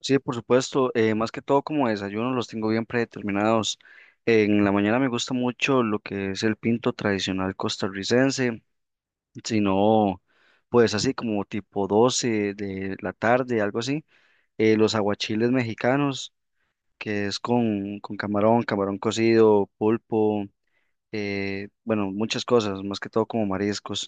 Sí, por supuesto. Más que todo como desayuno los tengo bien predeterminados. En la mañana me gusta mucho lo que es el pinto tradicional costarricense, si no, pues así como tipo 12 de la tarde, algo así. Los aguachiles mexicanos, que es con camarón, camarón cocido, pulpo, bueno, muchas cosas, más que todo como mariscos.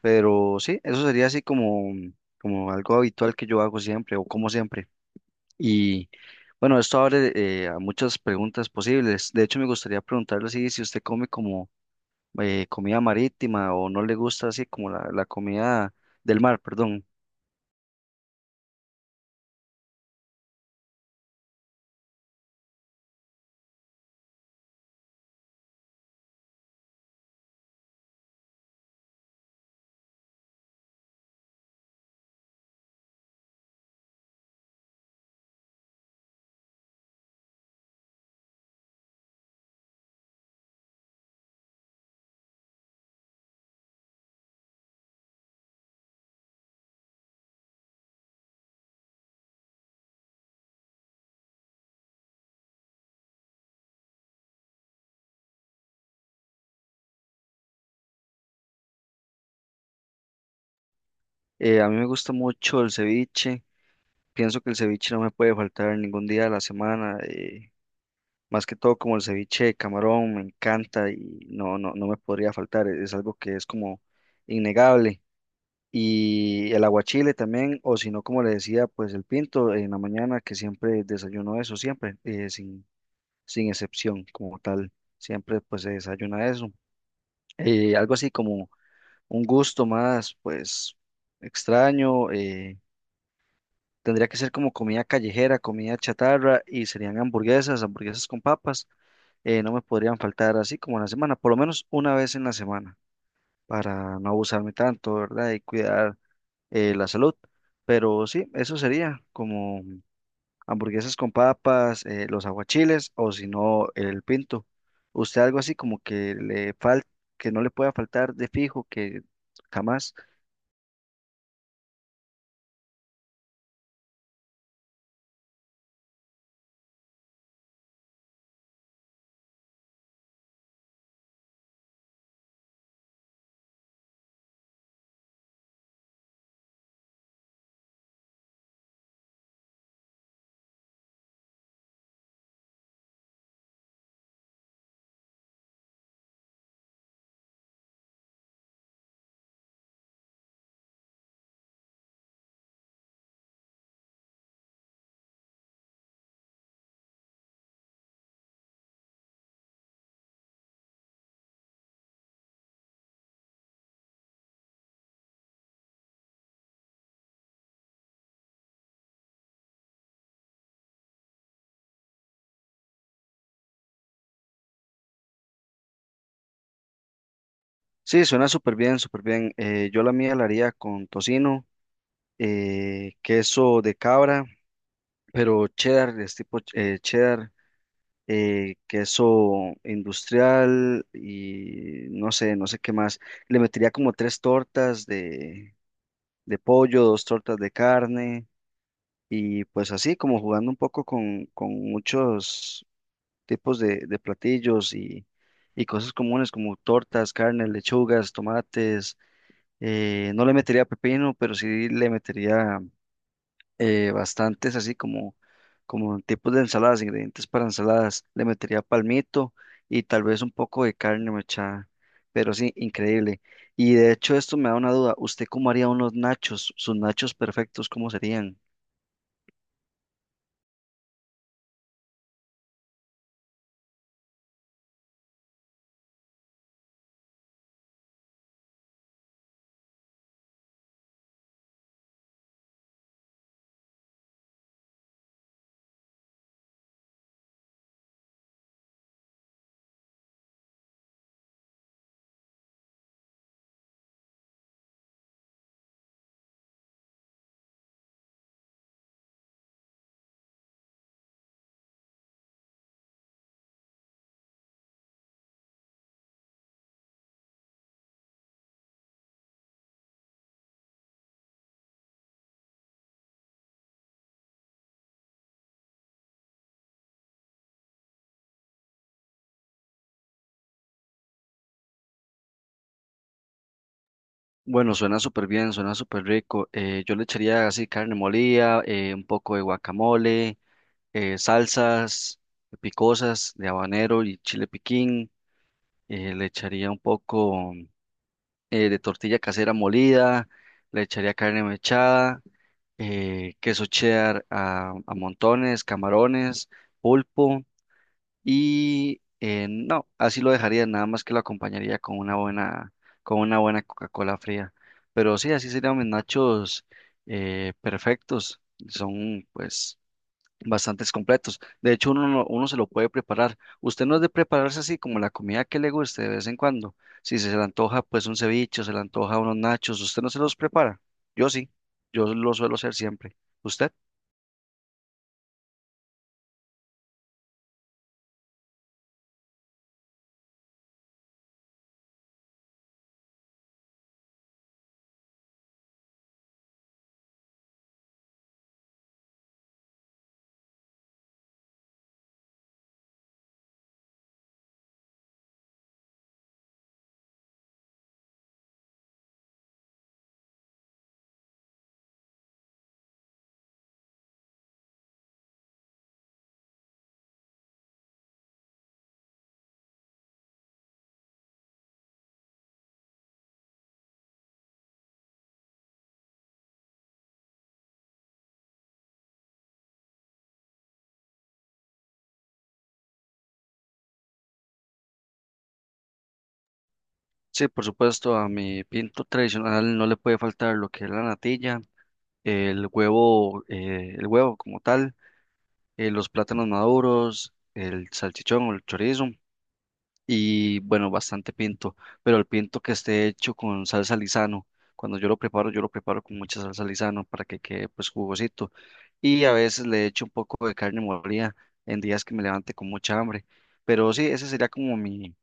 Pero sí, eso sería así como algo habitual que yo hago siempre o como siempre. Y bueno, esto abre a muchas preguntas posibles. De hecho, me gustaría preguntarle así, si usted come como comida marítima o no le gusta así como la comida del mar, perdón. A mí me gusta mucho el ceviche. Pienso que el ceviche no me puede faltar ningún día de la semana. Más que todo como el ceviche de camarón, me encanta y no me podría faltar. Es algo que es como innegable. Y el aguachile también, o si no, como le decía, pues el pinto en la mañana, que siempre desayuno eso, siempre, sin excepción como tal, siempre pues se desayuna eso. Algo así como un gusto más, pues extraño, tendría que ser como comida callejera, comida chatarra y serían hamburguesas, hamburguesas con papas, no me podrían faltar así como en la semana, por lo menos una vez en la semana, para no abusarme tanto, ¿verdad? Y cuidar la salud. Pero sí, eso sería como hamburguesas con papas, los aguachiles o si no el pinto. ¿Usted algo así como que le falta, que no le pueda faltar de fijo, que jamás? Sí, suena súper bien, súper bien. Yo la mía la haría con tocino, queso de cabra, pero cheddar, es tipo cheddar. Queso industrial y no sé qué más. Le metería como tres tortas de pollo, dos tortas de carne y pues así como jugando un poco con muchos tipos de platillos y cosas comunes como tortas, carne, lechugas, tomates. No le metería pepino, pero sí le metería bastantes así como tipos de ensaladas, ingredientes para ensaladas. Le metería palmito y tal vez un poco de carne mechada, pero sí, increíble. Y de hecho esto me da una duda, ¿usted cómo haría unos nachos? ¿Sus nachos perfectos cómo serían? Bueno, suena súper bien, suena súper rico. Yo le echaría así carne molida, un poco de guacamole, salsas picosas de habanero y chile piquín. Le echaría un poco de tortilla casera molida, le echaría carne mechada, queso cheddar a montones, camarones, pulpo y no, así lo dejaría, nada más que lo acompañaría con una con una buena Coca-Cola fría. Pero sí, así serían mis nachos perfectos. Son pues bastantes completos. De hecho, uno, no- uno se lo puede preparar. Usted no es de prepararse así como la comida que le guste de vez en cuando. Si se le antoja, pues un ceviche, se le antoja unos nachos, usted no se los prepara. Yo sí, yo lo suelo hacer siempre. ¿Usted? Sí, por supuesto, a mi pinto tradicional no le puede faltar lo que es la natilla, el huevo como tal, los plátanos maduros, el salchichón o el chorizo. Y bueno, bastante pinto, pero el pinto que esté hecho con salsa Lizano. Cuando yo lo preparo con mucha salsa Lizano para que quede pues jugosito. Y a veces le echo un poco de carne molida en días que me levante con mucha hambre. Pero sí, ese sería como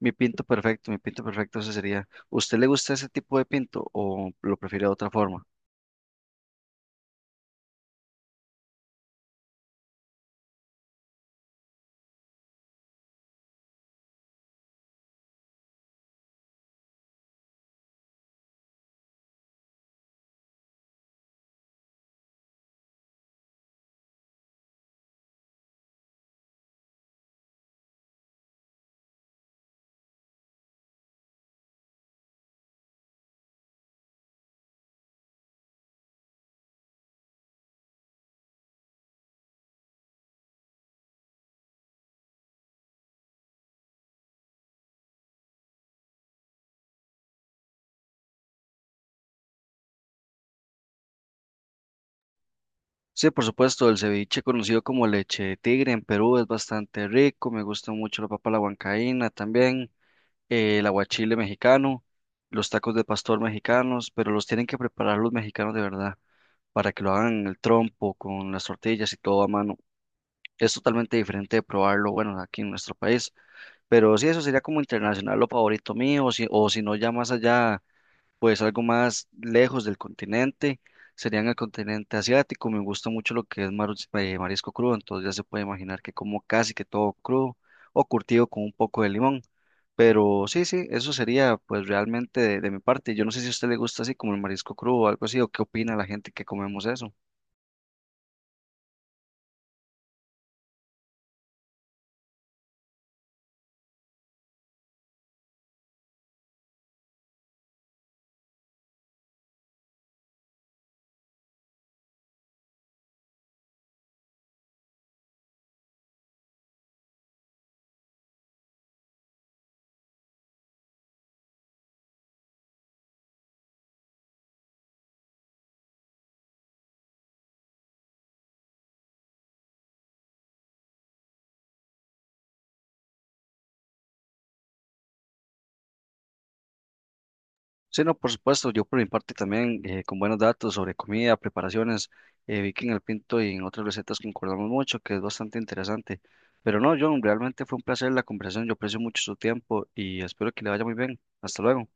mi pinto perfecto ese sería. ¿Usted le gusta ese tipo de pinto o lo prefiere de otra forma? Sí, por supuesto, el ceviche conocido como leche de tigre en Perú es bastante rico, me gusta mucho la papa a la huancaína también. El aguachile mexicano, los tacos de pastor mexicanos, pero los tienen que preparar los mexicanos de verdad para que lo hagan en el trompo, con las tortillas y todo a mano. Es totalmente diferente de probarlo, bueno, aquí en nuestro país. Pero sí, eso sería como internacional lo favorito mío, o si no, ya más allá pues algo más lejos del continente, serían el continente asiático. Me gusta mucho lo que es marisco crudo, entonces ya se puede imaginar que como casi que todo crudo o curtido con un poco de limón. Pero sí, sí, eso sería pues realmente de mi parte. Yo no sé si a usted le gusta así como el marisco crudo o algo así, o qué opina la gente que comemos eso. Sí, no, por supuesto, yo por mi parte también, con buenos datos sobre comida, preparaciones, vi que en el Pinto y en otras recetas concordamos mucho, que es bastante interesante. Pero no, John, realmente fue un placer la conversación, yo aprecio mucho su tiempo y espero que le vaya muy bien. Hasta luego.